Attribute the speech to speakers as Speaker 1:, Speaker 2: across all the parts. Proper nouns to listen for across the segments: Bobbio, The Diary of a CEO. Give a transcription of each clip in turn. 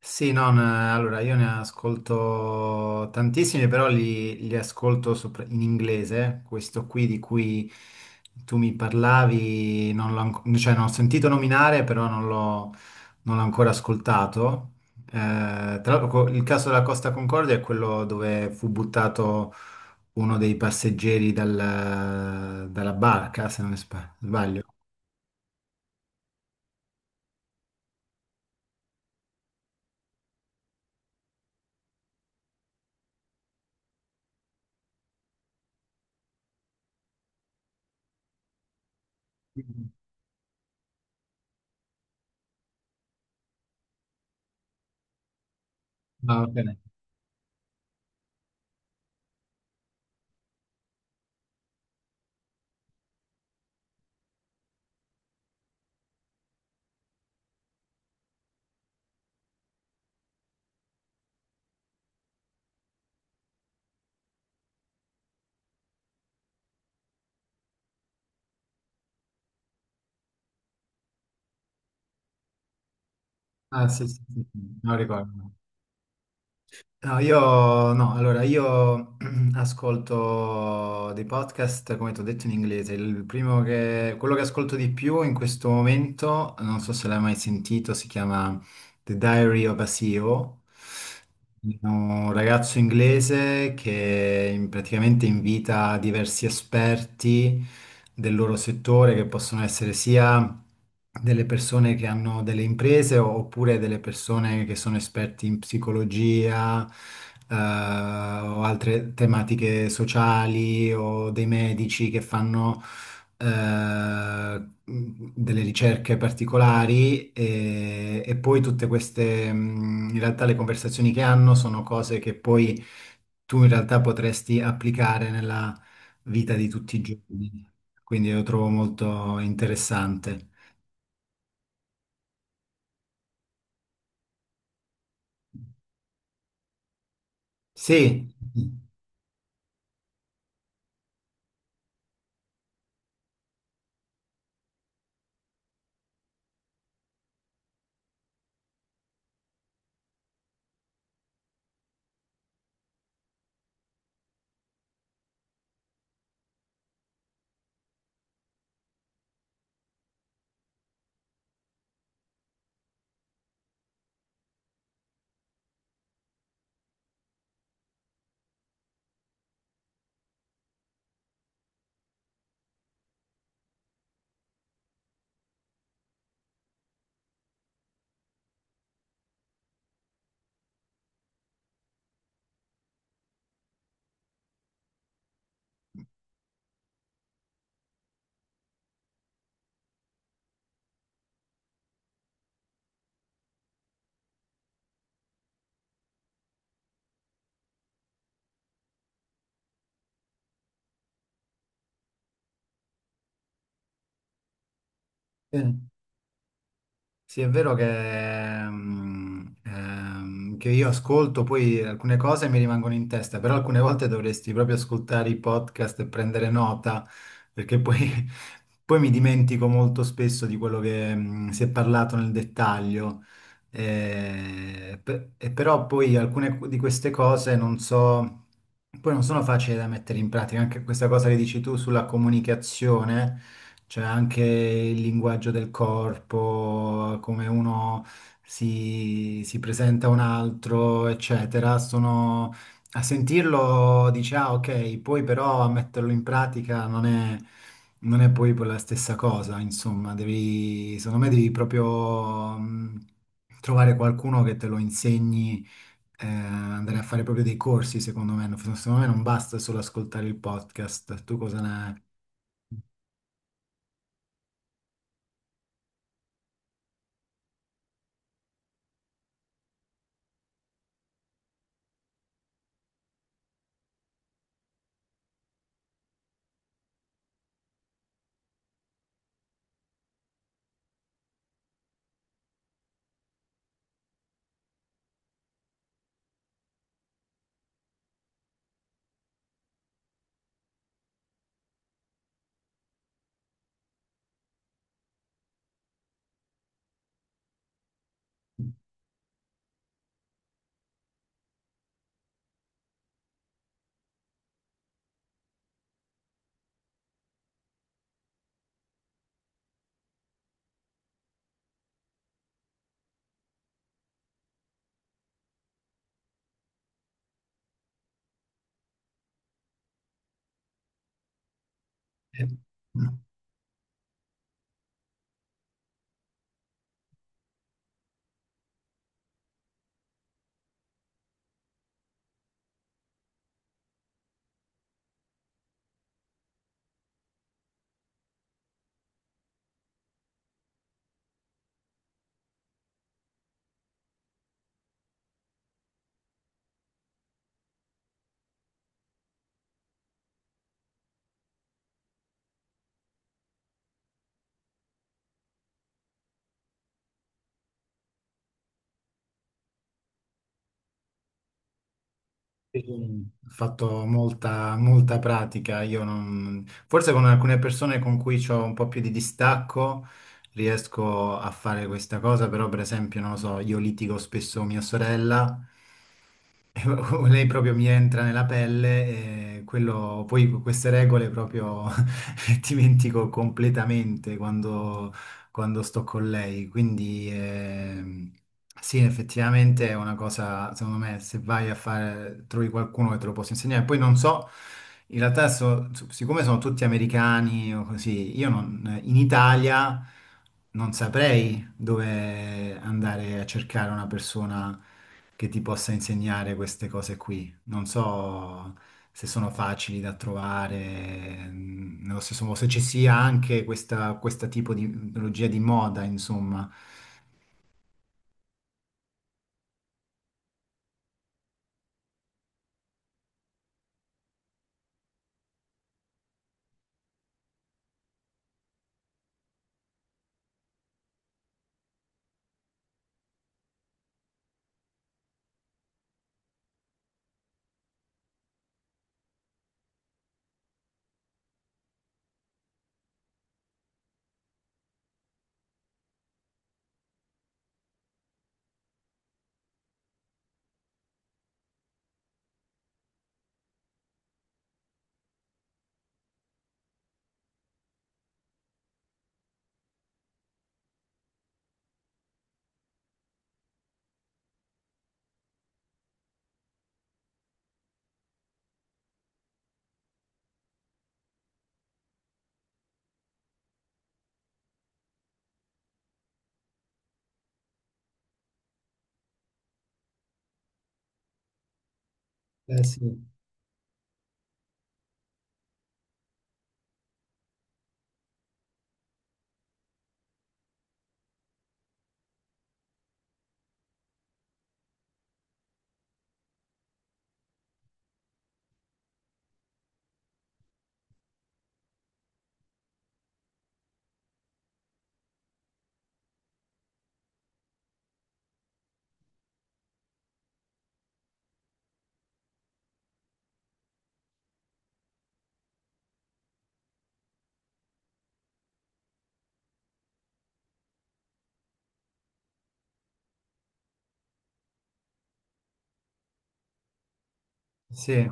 Speaker 1: Sì, no, allora io ne ascolto tantissimi, però li ascolto in inglese. Questo qui di cui tu mi parlavi, non l'ho, anco- cioè, non ho sentito nominare, però non l'ho ancora ascoltato. Eh, Tra l'altro, il caso della Costa Concordia è quello dove fu buttato uno dei passeggeri dalla barca, se non sbaglio. Ah, ok. Ah, sì, sì, sì, sì, non ricordo. No, io no, allora io ascolto dei podcast, come ti ho detto in inglese. Il primo che, quello che ascolto di più in questo momento, non so se l'hai mai sentito, si chiama The Diary of a CEO, un ragazzo inglese che praticamente invita diversi esperti del loro settore, che possono essere sia delle persone che hanno delle imprese oppure delle persone che sono esperti in psicologia, o altre tematiche sociali o dei medici che fanno delle ricerche particolari e poi tutte queste, in realtà le conversazioni che hanno sono cose che poi tu in realtà potresti applicare nella vita di tutti i giorni. Quindi lo trovo molto interessante. Sì. Sì. Sì, è vero che, che io ascolto poi alcune cose mi rimangono in testa, però alcune volte dovresti proprio ascoltare i podcast e prendere nota, perché poi, poi mi dimentico molto spesso di quello che, si è parlato nel dettaglio. E però poi alcune di queste cose non so, poi non sono facili da mettere in pratica, anche questa cosa che dici tu sulla comunicazione. C'è anche il linguaggio del corpo, come uno si presenta a un altro, eccetera. Sono, a sentirlo dice, ah, ok, poi però a metterlo in pratica non è poi la stessa cosa, insomma, devi, secondo me devi proprio trovare qualcuno che te lo insegni, andare a fare proprio dei corsi, secondo me. Secondo me non basta solo ascoltare il podcast. Tu cosa ne eh, no. Sì, ho fatto molta, molta pratica. Io non... Forse con alcune persone con cui ho un po' più di distacco riesco a fare questa cosa, però per esempio, non lo so, io litigo spesso con mia sorella o lei proprio mi entra nella pelle e quello, poi queste regole proprio dimentico completamente quando, quando sto con lei. Quindi sì, effettivamente è una cosa, secondo me, se vai a fare, trovi qualcuno che te lo possa insegnare. Poi non so, in realtà siccome sono tutti americani o così, io non, in Italia non saprei dove andare a cercare una persona che ti possa insegnare queste cose qui. Non so se sono facili da trovare, nello stesso modo, se ci sia anche questa tipo di tecnologia di moda, insomma. Eh sì, sì,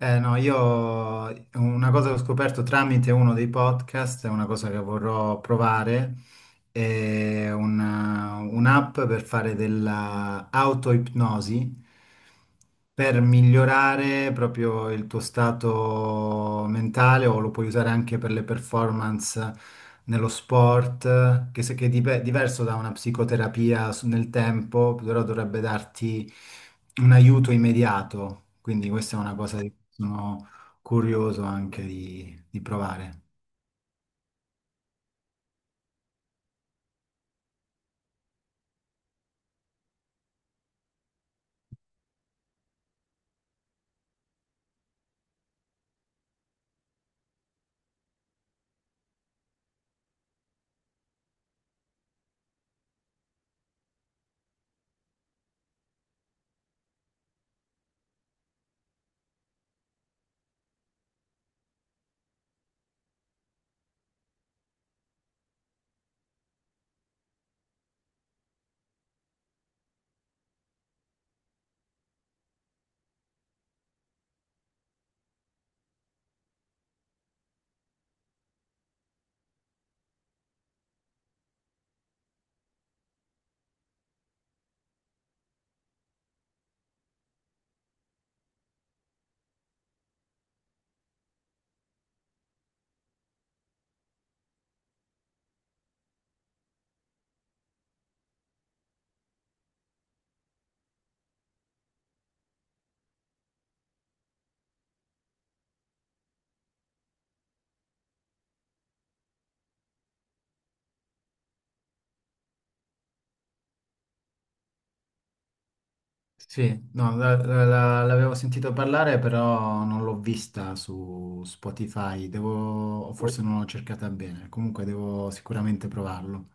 Speaker 1: eh, no, io una cosa che ho scoperto tramite uno dei podcast, è una cosa che vorrò provare, è un'app per fare dell'autoipnosi per migliorare proprio il tuo stato mentale o lo puoi usare anche per le performance nello sport, che, che è diverso da una psicoterapia nel tempo, però dovrebbe darti un aiuto immediato. Quindi questa è una cosa sono curioso anche di provare. Sì, no, l'avevo sentito parlare, però non l'ho vista su Spotify. Devo, o forse non l'ho cercata bene. Comunque devo sicuramente provarlo.